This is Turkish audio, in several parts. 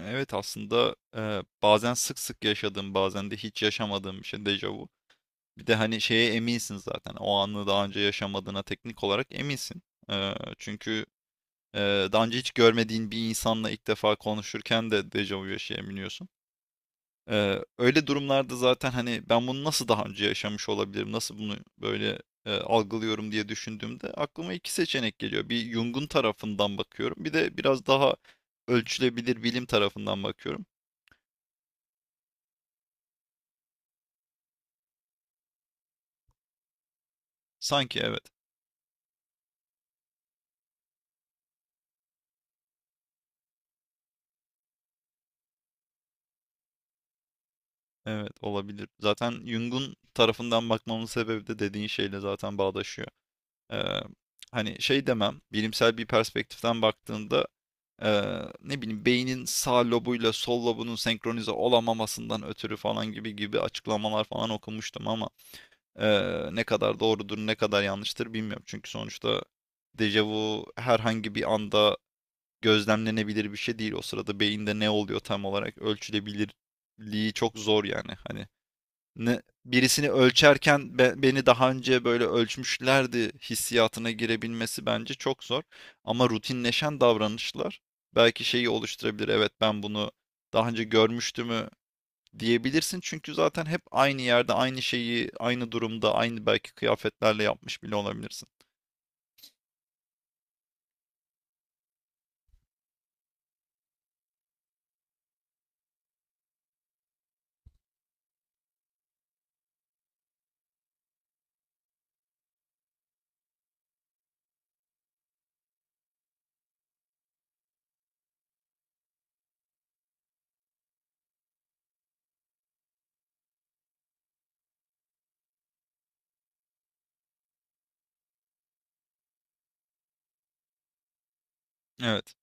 Evet aslında bazen sık sık yaşadığım, bazen de hiç yaşamadığım bir şey dejavu. Bir de hani şeye eminsin zaten o anı daha önce yaşamadığına teknik olarak eminsin. Çünkü e, daha önce hiç görmediğin bir insanla ilk defa konuşurken de dejavu yaşayabiliyorsun. Öyle durumlarda zaten hani ben bunu nasıl daha önce yaşamış olabilirim, nasıl bunu böyle algılıyorum diye düşündüğümde aklıma iki seçenek geliyor. Bir, Jung'un tarafından bakıyorum, bir de biraz daha ölçülebilir bilim tarafından bakıyorum. Sanki evet, evet olabilir. Zaten Jung'un tarafından bakmamın sebebi de dediğin şeyle zaten bağdaşıyor. Eee, Hani şey demem, bilimsel bir perspektiften baktığında ne bileyim beynin sağ lobuyla sol lobunun senkronize olamamasından ötürü falan gibi gibi açıklamalar falan okumuştum, ama ne kadar doğrudur ne kadar yanlıştır bilmiyorum. Çünkü sonuçta dejavu herhangi bir anda gözlemlenebilir bir şey değil. O sırada beyinde ne oluyor tam olarak, ölçülebilirliği çok zor yani, hani birisini ölçerken beni daha önce böyle ölçmüşlerdi hissiyatına girebilmesi bence çok zor. Ama rutinleşen davranışlar belki şeyi oluşturabilir. Evet, ben bunu daha önce görmüştümü diyebilirsin. Çünkü zaten hep aynı yerde, aynı şeyi, aynı durumda, aynı belki kıyafetlerle yapmış bile olabilirsin. Evet.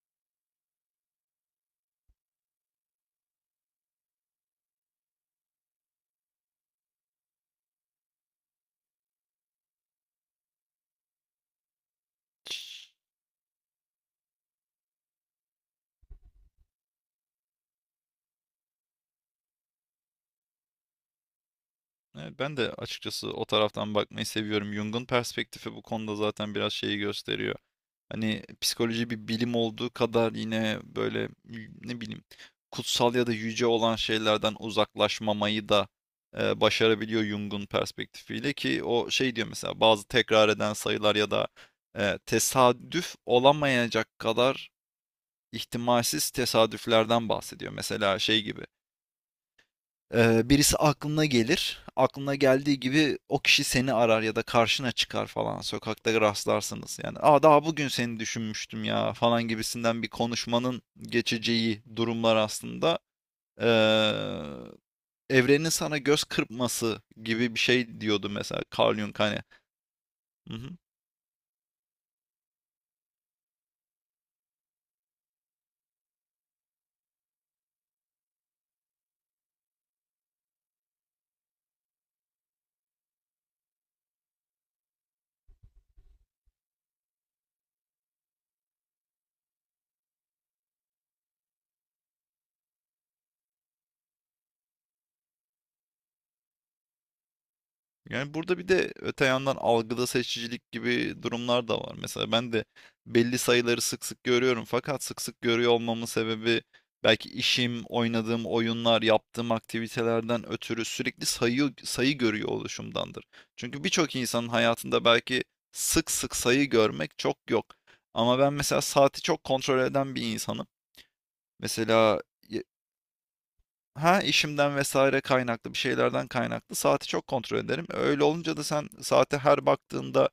Evet, ben de açıkçası o taraftan bakmayı seviyorum. Jung'un perspektifi bu konuda zaten biraz şeyi gösteriyor. Hani psikoloji bir bilim olduğu kadar, yine böyle ne bileyim kutsal ya da yüce olan şeylerden uzaklaşmamayı da başarabiliyor Jung'un perspektifiyle, ki o şey diyor, mesela bazı tekrar eden sayılar ya da tesadüf olamayacak kadar ihtimalsiz tesadüflerden bahsediyor. Mesela şey gibi. Birisi aklına gelir. Aklına geldiği gibi o kişi seni arar ya da karşına çıkar falan. Sokakta rastlarsınız. Yani, Aa, daha bugün seni düşünmüştüm ya, falan gibisinden bir konuşmanın geçeceği durumlar aslında. Ee, evrenin sana göz kırpması gibi bir şey diyordu mesela Carl Jung, hani. Hı hı. Yani, burada bir de öte yandan algıda seçicilik gibi durumlar da var. Mesela ben de belli sayıları sık sık görüyorum. Fakat sık sık görüyor olmamın sebebi belki işim, oynadığım oyunlar, yaptığım aktivitelerden ötürü sürekli sayı sayı görüyor oluşumdandır. Çünkü birçok insanın hayatında belki sık sık sayı görmek çok yok. Ama ben mesela saati çok kontrol eden bir insanım. Mesela. Ha, işimden vesaire kaynaklı, bir şeylerden kaynaklı saati çok kontrol ederim. Öyle olunca da sen saate her baktığında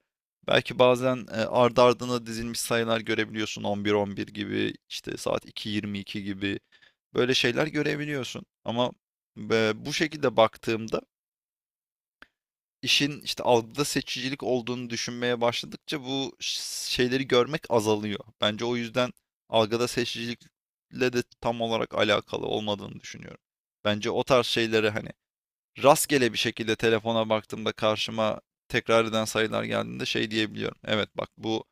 belki bazen ardı ardına dizilmiş sayılar görebiliyorsun. 11:11 gibi, işte saat 2:22 gibi böyle şeyler görebiliyorsun. Ama bu şekilde baktığımda, işin işte algıda seçicilik olduğunu düşünmeye başladıkça bu şeyleri görmek azalıyor. Bence o yüzden algıda seçicilikle de tam olarak alakalı olmadığını düşünüyorum. Bence o tarz şeyleri, hani rastgele bir şekilde telefona baktığımda karşıma tekrar eden sayılar geldiğinde, şey diyebiliyorum. Evet, bak, bu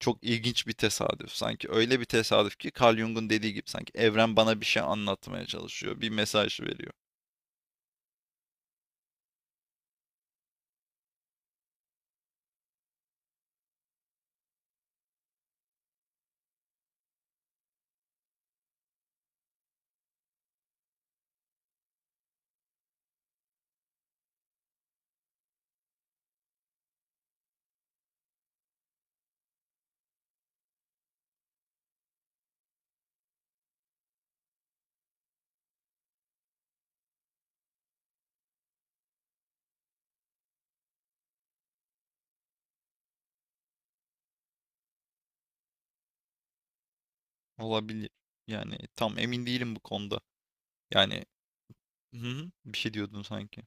çok ilginç bir tesadüf. Sanki öyle bir tesadüf ki, Carl Jung'un dediği gibi, sanki evren bana bir şey anlatmaya çalışıyor, bir mesaj veriyor. Olabilir. Yani tam emin değilim bu konuda. Yani. Hı hı. Bir şey diyordun sanki.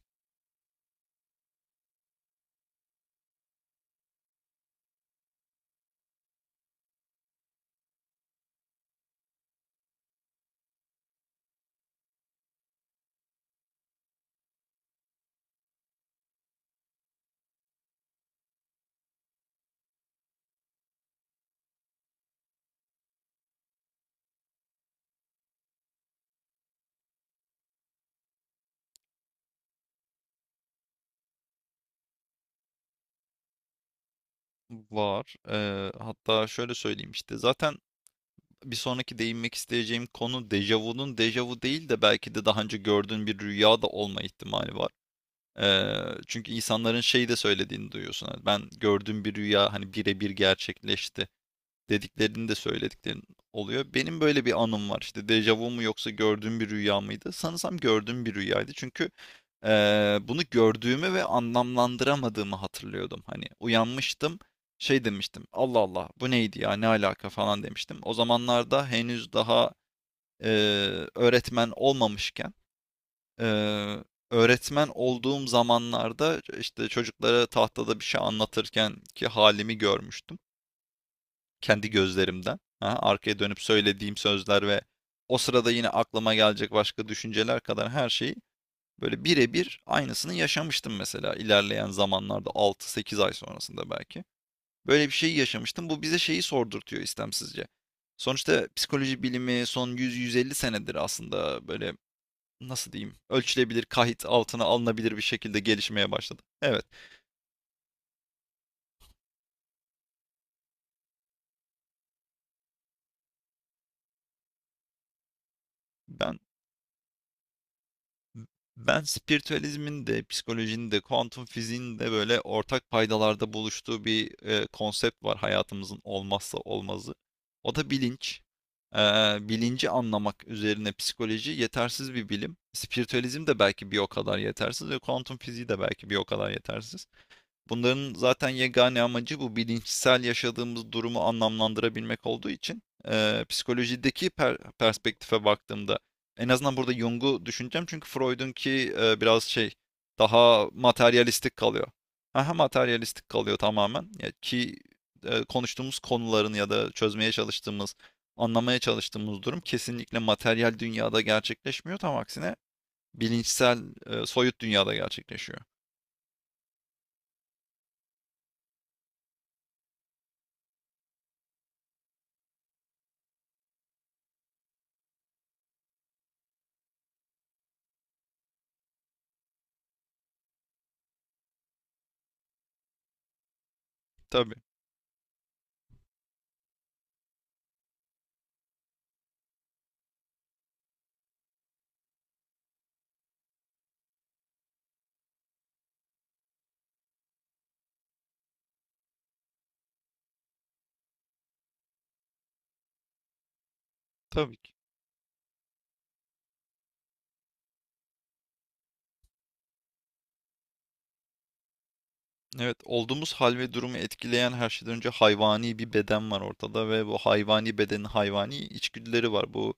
Var. Hatta şöyle söyleyeyim işte. Zaten bir sonraki değinmek isteyeceğim konu, dejavunun dejavu değil de belki de daha önce gördüğün bir rüya da olma ihtimali var. Çünkü insanların şeyi de söylediğini duyuyorsun. Hani, ben gördüğüm bir rüya hani birebir gerçekleşti, dediklerini de söylediklerin oluyor. Benim böyle bir anım var. İşte dejavu mu yoksa gördüğüm bir rüya mıydı? Sanırsam gördüğüm bir rüyaydı. Çünkü bunu gördüğümü ve anlamlandıramadığımı hatırlıyordum. Hani uyanmıştım, şey demiştim. Allah Allah, bu neydi ya? Ne alaka, falan demiştim. O zamanlarda henüz daha eee, öğretmen olmamışken, eee öğretmen olduğum zamanlarda işte çocuklara tahtada bir şey anlatırken ki halimi görmüştüm kendi gözlerimden. Aha, arkaya dönüp söylediğim sözler ve o sırada yine aklıma gelecek başka düşünceler kadar her şeyi böyle birebir aynısını yaşamıştım, mesela ilerleyen zamanlarda 6-8 ay sonrasında belki. Böyle bir şeyi yaşamıştım. Bu bize şeyi sordurtuyor istemsizce. Sonuçta psikoloji bilimi son 100-150 senedir aslında böyle, nasıl diyeyim, ölçülebilir, kahit altına alınabilir bir şekilde gelişmeye başladı. Evet. Ben Ben spiritüalizmin de, psikolojinin de, kuantum fiziğin de böyle ortak paydalarda buluştuğu bir konsept var, hayatımızın olmazsa olmazı. O da bilinç. Ee, bilinci anlamak üzerine psikoloji yetersiz bir bilim. Spiritüalizm de belki bir o kadar yetersiz ve kuantum fiziği de belki bir o kadar yetersiz. Bunların zaten yegane amacı bu bilinçsel yaşadığımız durumu anlamlandırabilmek olduğu için psikolojideki perspektife baktığımda en azından burada Jung'u düşüneceğim, çünkü Freud'unki biraz şey, daha materyalistik kalıyor. Aha, materyalistik kalıyor tamamen. Ya ki konuştuğumuz konuların ya da çözmeye çalıştığımız, anlamaya çalıştığımız durum kesinlikle materyal dünyada gerçekleşmiyor. Tam aksine bilinçsel, soyut dünyada gerçekleşiyor. Tabii, tabii ki. Evet, olduğumuz hal ve durumu etkileyen her şeyden önce hayvani bir beden var ortada ve bu hayvani bedenin hayvani içgüdüleri var. Bu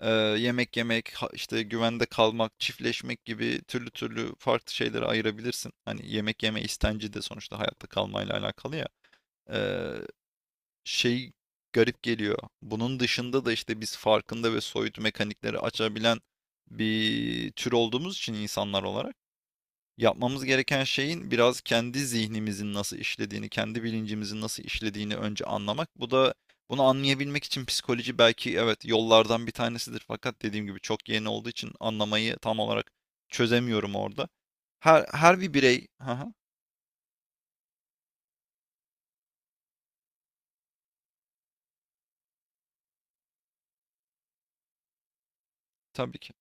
yemek yemek, işte güvende kalmak, çiftleşmek gibi türlü türlü farklı şeyleri ayırabilirsin. Hani yemek yeme istenci de sonuçta hayatta kalmayla alakalı ya. E, şey garip geliyor. Bunun dışında da işte biz farkında ve soyut mekanikleri açabilen bir tür olduğumuz için, insanlar olarak. Yapmamız gereken şeyin, biraz kendi zihnimizin nasıl işlediğini, kendi bilincimizin nasıl işlediğini önce anlamak. Bu da, bunu anlayabilmek için psikoloji belki, evet, yollardan bir tanesidir. Fakat dediğim gibi çok yeni olduğu için anlamayı tam olarak çözemiyorum orada. Her bir birey, ha, tabii ki.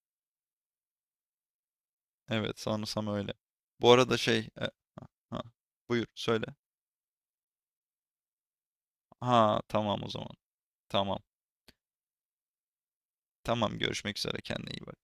Evet, sanırsam öyle. Bu arada şey, ha, buyur söyle. Ha, tamam o zaman. Tamam. Tamam, görüşmek üzere, kendine iyi bak.